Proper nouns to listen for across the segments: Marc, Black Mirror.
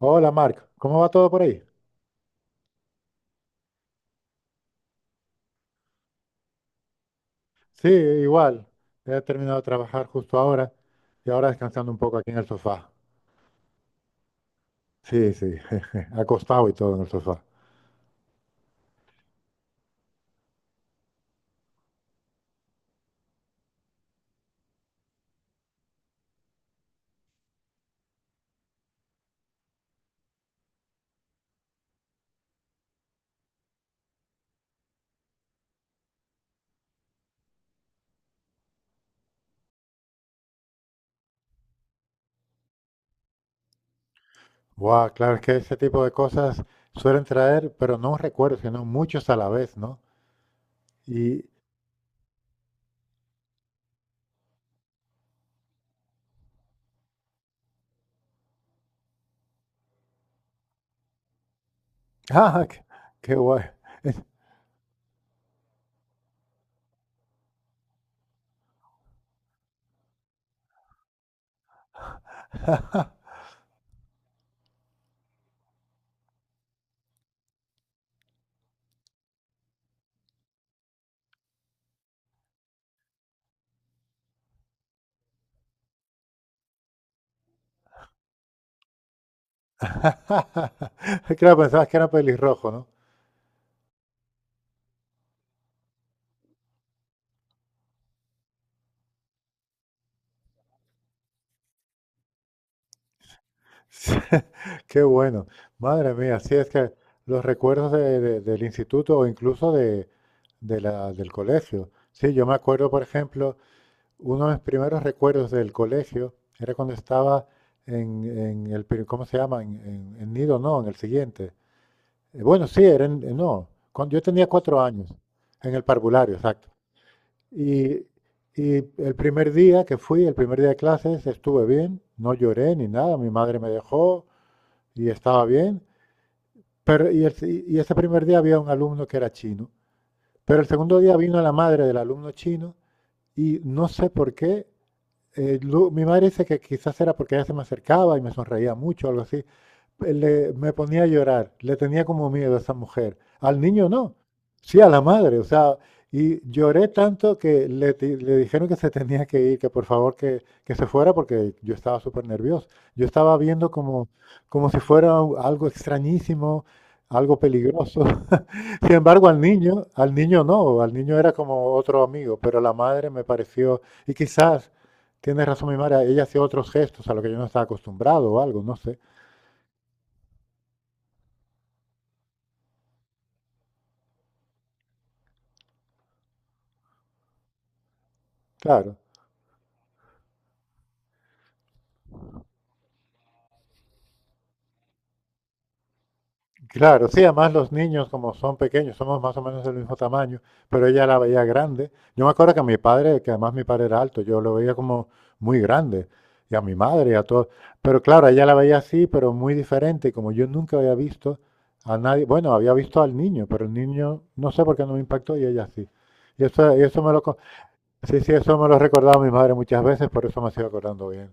Hola Marc, ¿cómo va todo por ahí? Sí, igual. He terminado de trabajar justo ahora y ahora descansando un poco aquí en el sofá. Sí, sí, acostado y todo en el sofá. Wow, claro, es que ese tipo de cosas suelen traer, pero no recuerdo, sino muchos a la vez, ¿no? Y, ah, qué guay. Claro, pensabas que era pelirrojo, ¿no? Qué bueno. Madre mía, sí es que los recuerdos del instituto o incluso del colegio. Sí, yo me acuerdo, por ejemplo, uno de mis primeros recuerdos del colegio era cuando estaba ¿cómo se llama? En Nido, no, en el siguiente. Bueno, sí, era no, cuando yo tenía 4 años, en el parvulario, exacto. Y, y el primer día que fui, el primer día de clases, estuve bien, no lloré ni nada, mi madre me dejó y estaba bien. Y ese primer día había un alumno que era chino. Pero el segundo día vino la madre del alumno chino y no sé por qué, mi madre dice que quizás era porque ella se me acercaba y me sonreía mucho, algo así. Me ponía a llorar, le tenía como miedo a esa mujer. Al niño no, sí a la madre, o sea, y lloré tanto que le dijeron que se tenía que ir, que por favor que se fuera porque yo estaba súper nervioso. Yo estaba viendo como si fuera algo extrañísimo, algo peligroso. Sin embargo, al niño no, al niño era como otro amigo, pero la madre me pareció, y quizás. Tienes razón, mi Mara, ella hacía otros gestos a lo que yo no estaba acostumbrado o algo, no sé. Claro, claro, sí, además los niños como son pequeños, somos más o menos del mismo tamaño, pero ella la veía grande. Yo me acuerdo que a mi padre, que además mi padre era alto, yo lo veía como muy grande, y a mi madre y a todos. Pero claro, ella la veía así, pero muy diferente, y como yo nunca había visto a nadie, bueno, había visto al niño, pero el niño no sé por qué no me impactó y ella sí. Y eso me lo, co- Sí, sí, eso me lo recordaba mi madre muchas veces, por eso me sigo acordando bien.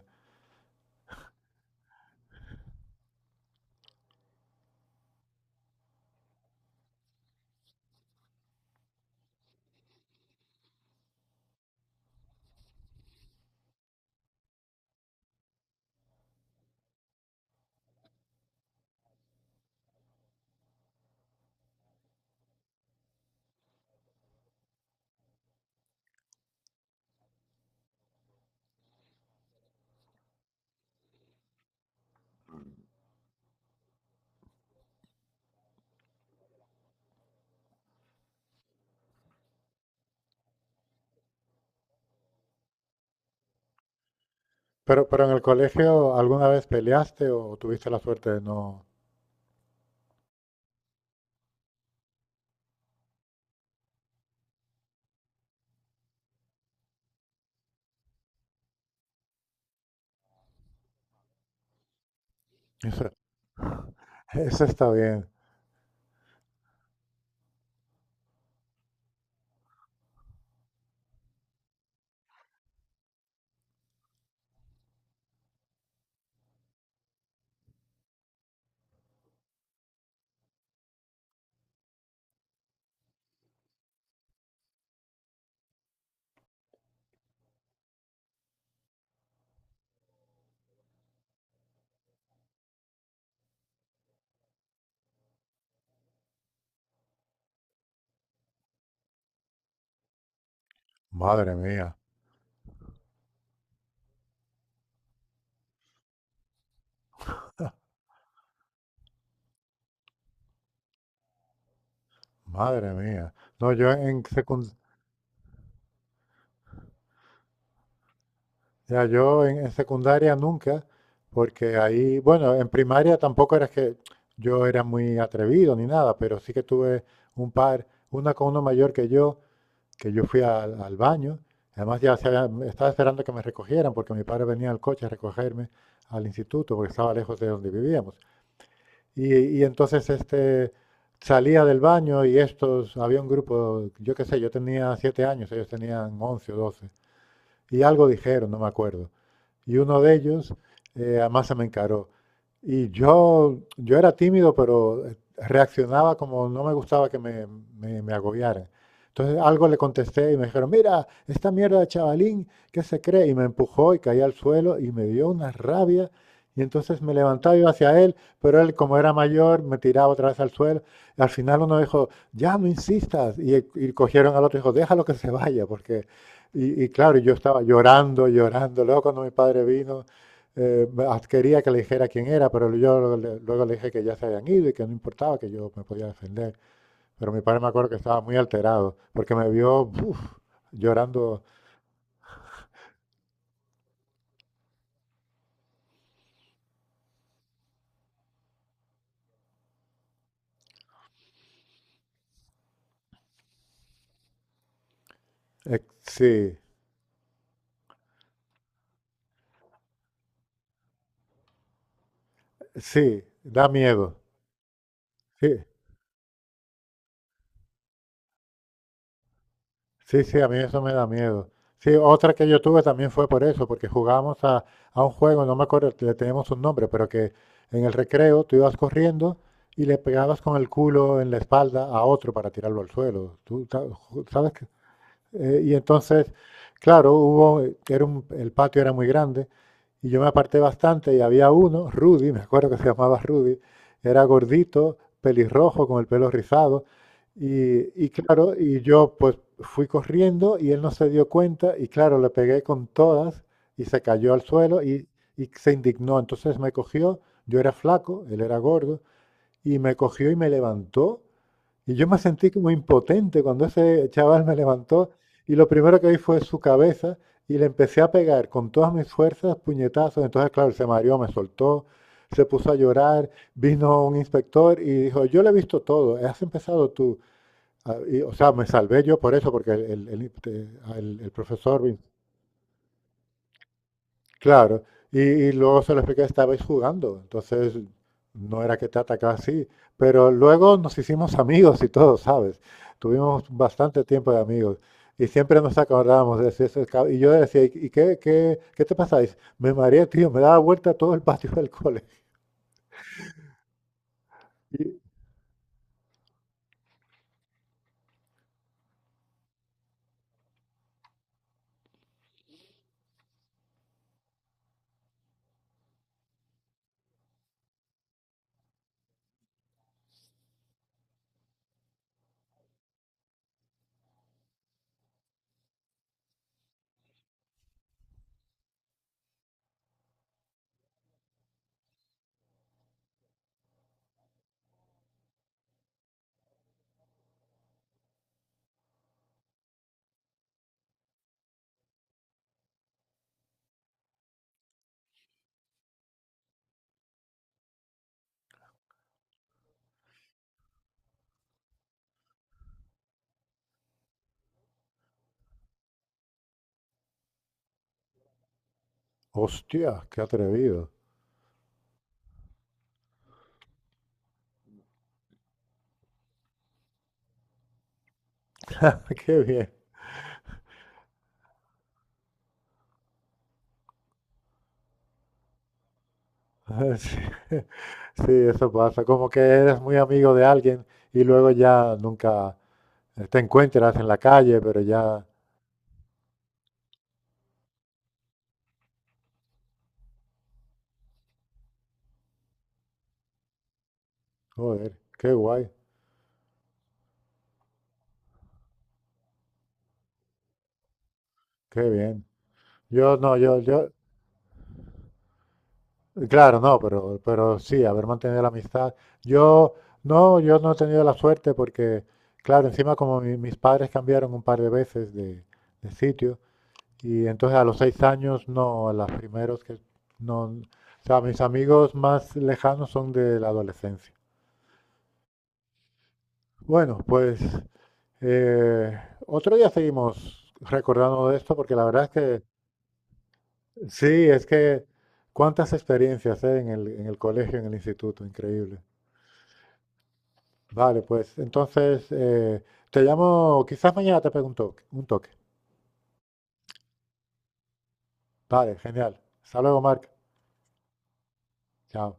Pero en el colegio, ¿alguna vez peleaste o tuviste la suerte de no? Eso, eso está bien. Madre mía, madre mía. No, yo en secundaria, ya yo en secundaria nunca, porque ahí, bueno, en primaria tampoco era que yo era muy atrevido ni nada, pero sí que tuve una con uno mayor que yo fui al baño. Además estaba esperando que me recogieran porque mi padre venía al coche a recogerme al instituto porque estaba lejos de donde vivíamos. Y entonces este salía del baño había un grupo, yo qué sé, yo tenía 7 años, ellos tenían 11 o 12 y algo dijeron, no me acuerdo, y uno de ellos, además se me encaró. Y yo era tímido, pero reaccionaba como no me gustaba que me agobiaran. Entonces algo le contesté y me dijeron, mira, esta mierda de chavalín, ¿qué se cree? Y me empujó y caí al suelo y me dio una rabia. Y entonces me levantaba y iba hacia él, pero él como era mayor me tiraba otra vez al suelo. Al final uno dijo, ya no insistas. Y cogieron al otro y dijo, déjalo que se vaya, porque, y claro, yo estaba llorando, llorando. Luego cuando mi padre vino, eh, quería que le dijera quién era, pero yo luego le dije que ya se habían ido y que no importaba, que yo me podía defender. Pero mi padre me acuerdo que estaba muy alterado, porque me vio, uf, llorando. Eh, sí, sí, da miedo. Sí, sí, sí, a mí eso me da miedo. Sí, otra que yo tuve también fue por eso, porque jugábamos a un juego, no me acuerdo, le teníamos un nombre, pero que en el recreo tú ibas corriendo y le pegabas con el culo en la espalda a otro para tirarlo al suelo. ¿Tú sabes? Y entonces, claro, hubo, el patio era muy grande y yo me aparté bastante y había uno, Rudy, me acuerdo que se llamaba Rudy, era gordito, pelirrojo, con el pelo rizado. Y claro, y yo pues fui corriendo y él no se dio cuenta y claro, le pegué con todas y se cayó al suelo y se indignó. Entonces me cogió, yo era flaco, él era gordo, y me cogió y me levantó y yo me sentí como impotente cuando ese chaval me levantó y lo primero que vi fue su cabeza y le empecé a pegar con todas mis fuerzas, puñetazos. Entonces, claro, se mareó, me soltó, se puso a llorar, vino un inspector y dijo, yo le he visto todo, has empezado tú. Ah, y, o sea, me salvé yo por eso, porque el profesor. Claro, y luego se lo expliqué, estabais jugando, entonces no era que te atacaba así, pero luego nos hicimos amigos y todo, ¿sabes? Tuvimos bastante tiempo de amigos y siempre nos acordábamos de ese, y yo le decía, ¿y qué te pasáis? Me mareé, tío, me daba vuelta todo el patio del cole. Y, Hostia, qué atrevido. Qué bien. Sí, sí, eso pasa, como que eres muy amigo de alguien y luego ya nunca, te encuentras en la calle, pero ya. Joder, qué guay, qué bien. Yo no, claro, no, pero sí, haber mantenido la amistad. Yo, no, yo no he tenido la suerte porque, claro, encima como mis padres cambiaron un par de veces de, sitio. Y entonces a los 6 años, no, a los primeros que, no, o sea, mis amigos más lejanos son de la adolescencia. Bueno, pues eh, otro día seguimos recordando de esto porque la verdad es que. Sí, es que cuántas experiencias, en el colegio, en el instituto, increíble. Vale, pues entonces, te llamo, quizás mañana te pregunto un toque. Vale, genial. Hasta luego, Marc. Chao.